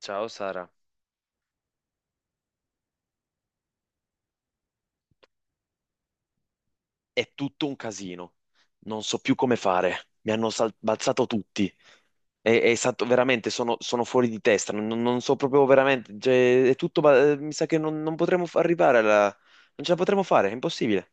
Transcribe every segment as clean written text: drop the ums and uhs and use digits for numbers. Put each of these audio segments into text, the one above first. Ciao Sara, è tutto un casino. Non so più come fare. Mi hanno balzato tutti. È stato veramente, sono fuori di testa. Non so proprio veramente, cioè, è tutto. Mi sa che non potremo arrivare alla... Non ce la potremo fare, è impossibile.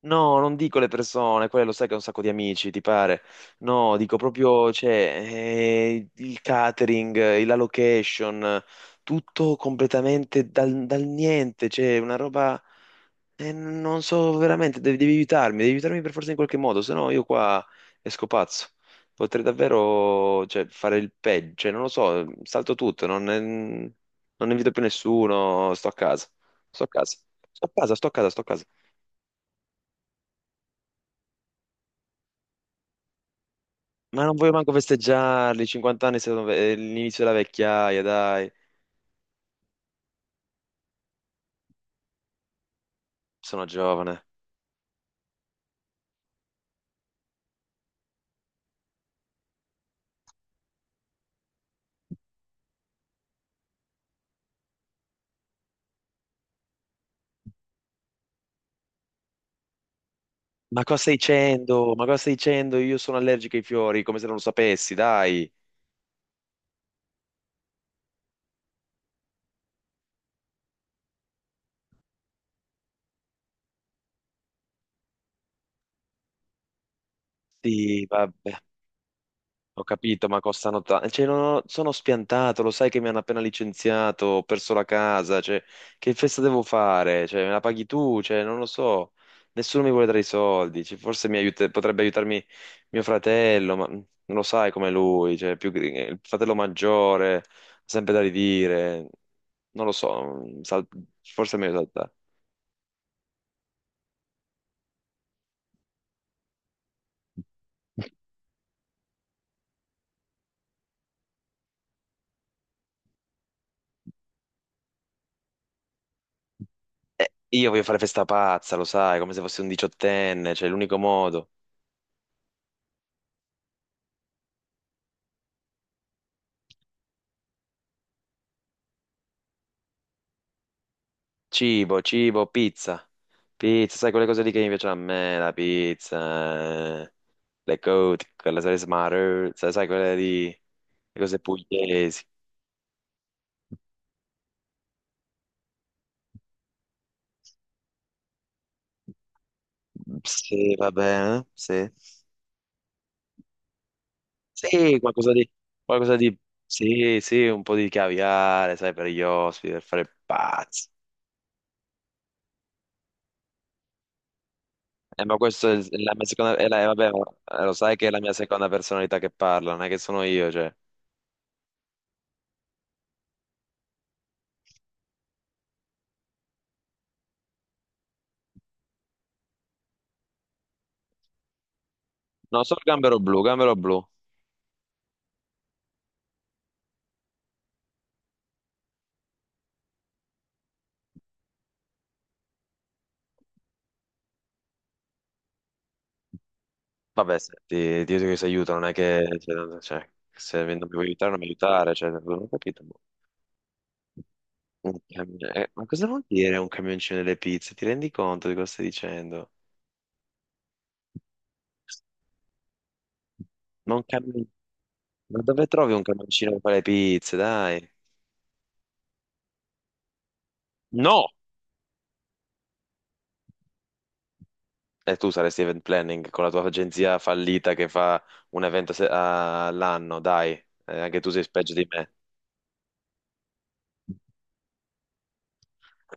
No, non dico le persone, quelle lo sai che ho un sacco di amici, ti pare. No, dico proprio, cioè, il catering, la location, tutto completamente dal niente, cioè, una roba. E non so veramente, devi aiutarmi, devi aiutarmi per forza in qualche modo, se no io qua esco pazzo. Potrei davvero, cioè, fare il peggio, cioè, non lo so, salto tutto, non invito più nessuno, sto a casa, sto a casa, sto a casa, sto a casa, sto a casa. Ma non voglio manco festeggiarli, 50 anni sono è l'inizio della vecchiaia, dai, sono giovane. Ma cosa stai dicendo? Ma cosa stai dicendo? Io sono allergico ai fiori, come se non lo sapessi, dai. Sì, vabbè. Ho capito, ma costano tanto. Cioè, non ho- sono spiantato, lo sai che mi hanno appena licenziato, ho perso la casa, cioè, che festa devo fare? Cioè, me la paghi tu? Cioè, non lo so. Nessuno mi vuole dare i soldi. Cioè, forse potrebbe aiutarmi mio fratello, ma mm, non lo sai come lui, cioè, più... il fratello maggiore, ha sempre da ridire. Non lo so, forse è meglio saltare. Io voglio fare festa pazza, lo sai, come se fossi un diciottenne, cioè, è l'unico modo. Cibo, cibo, pizza. Pizza, sai quelle cose lì che invece a me, la pizza, le cote, quelle salse maruzza, sai quelle lì, le cose pugliesi. Sì, va bene, sì. Sì, qualcosa di, sì, sì, un po' di caviale, sai, per gli ospiti, per fare pazzi. Ma questa è la mia seconda, vabbè, ma lo sai che è la mia seconda personalità che parla, non è che sono io, cioè. No, sono Gambero Blu, Gambero Blu. Vabbè, se ti aiuto che si aiuta, non è che cioè, cioè, se non mi vuoi aiutare, non mi aiutare, cioè, non ho capito, boh. Ma cosa vuol dire un camioncino delle pizze? Ti rendi conto di cosa stai dicendo? Ma, ma dove trovi un camioncino per fare le pizze, dai? No! E tu saresti event planning con la tua agenzia fallita che fa un evento all'anno, dai. Anche tu sei peggio di me.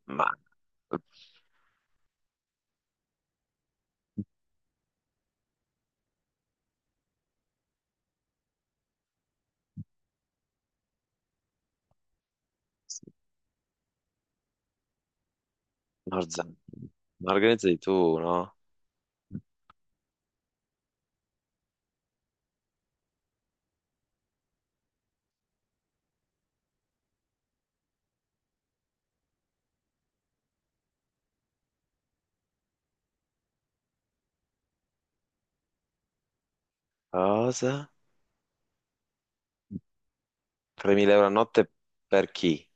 Ma... Norza, ma organizzi tu, no? Cosa? 3.000 euro a notte per chi?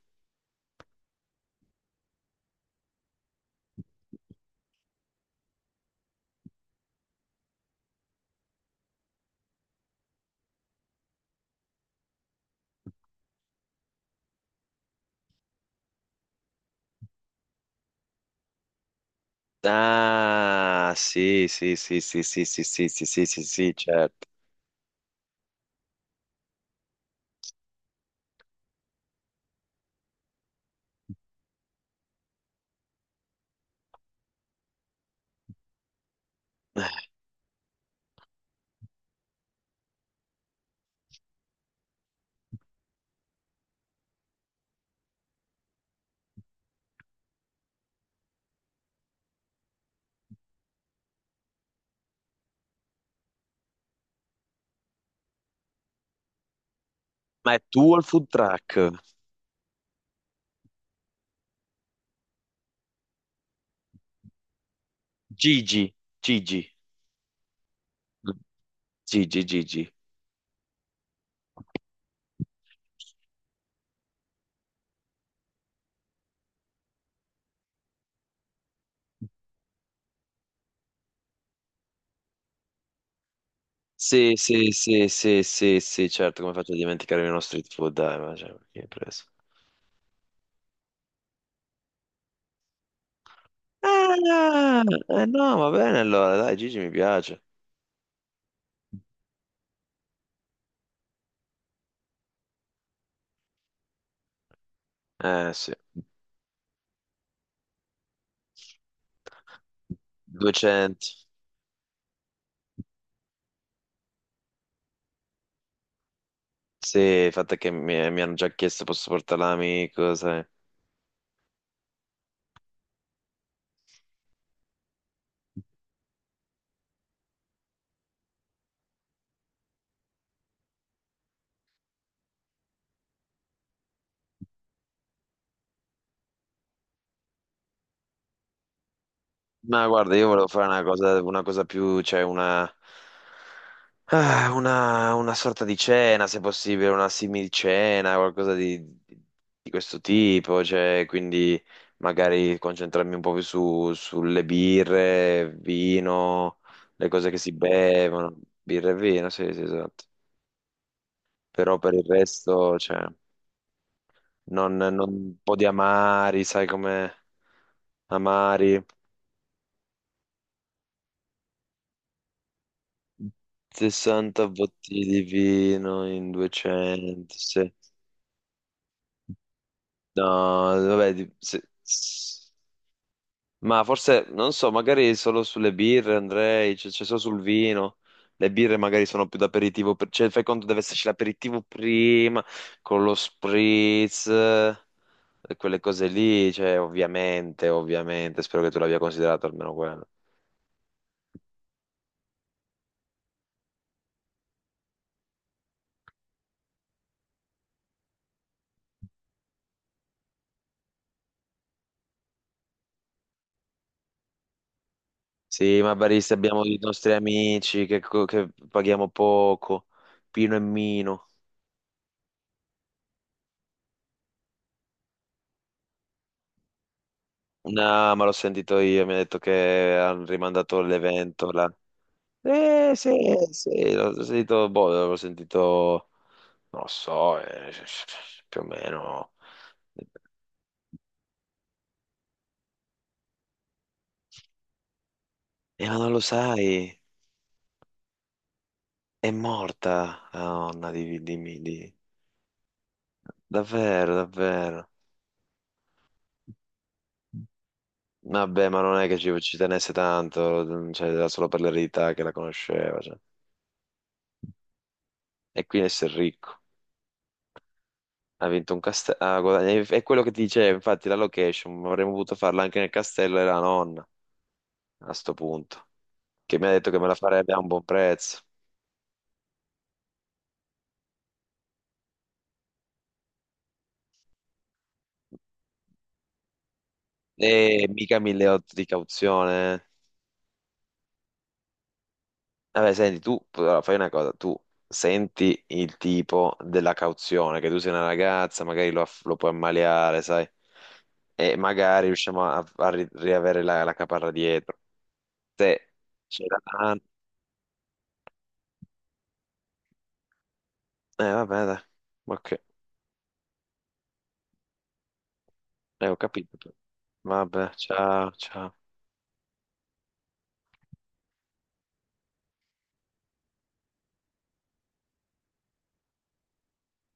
Ah, sì, sì, sì, sì, sì, sì, sì, sì, sì, sì, sì, sì, certo. Ma è tuo il food truck? Gigi, Gigi, Gigi, Gigi. Sì, sì, sì, sì, sì, sì, certo, come faccio a dimenticare uno street food? Dai, ma cioè, chi hai preso? Ah, eh no, va bene allora, dai, Gigi mi piace. Eh sì, 200. Sì, il fatto è che mi hanno già chiesto posso portare l'amico, sai. Ma guarda, io volevo fare una cosa più, una sorta di cena, se possibile, una simil-cena, qualcosa di, di- di questo tipo, cioè, quindi magari concentrarmi un po' più sulle birre, vino, le cose che si bevono, birra e vino, sì, sì, esatto. Però per il resto, cioè... un po' di amari, sai come amari, 60 bottiglie di vino in 200, sì. No, vabbè, ma forse, non so, magari solo sulle birre andrei, cioè solo sul vino. Le birre magari sono più d'aperitivo, cioè fai conto deve esserci l'aperitivo prima, con lo spritz, quelle cose lì, cioè ovviamente, ovviamente, spero che tu l'abbia considerato almeno quello. Sì, ma barista abbiamo i nostri amici che, che paghiamo poco, Pino e Mino. No, ma l'ho sentito io, mi ha detto che hanno rimandato l'evento là. Sì, sì, l'ho sentito, boh, l'ho sentito, non lo so, più o meno. Ma non lo sai, è morta la nonna davvero, davvero. Vabbè, ma non è che ci tenesse tanto, cioè, era solo per l'eredità che la conosceva, cioè. E quindi essere ricco. Ha vinto un castello. È quello che ti dicevo, infatti, la location. Avremmo potuto farla anche nel castello della nonna a sto punto. Che mi ha detto che me la farebbe a un buon prezzo. E mica 1.800 di cauzione, eh. Vabbè, senti, tu allora, fai una cosa, tu senti il tipo della cauzione, che tu sei una ragazza, magari lo, lo puoi ammaliare, sai? E magari riusciamo a, riavere la, la caparra dietro. Se c'è la... danno, eh, vabbè, dai. Ok. Ho capito. Vabbè, ciao, ciao.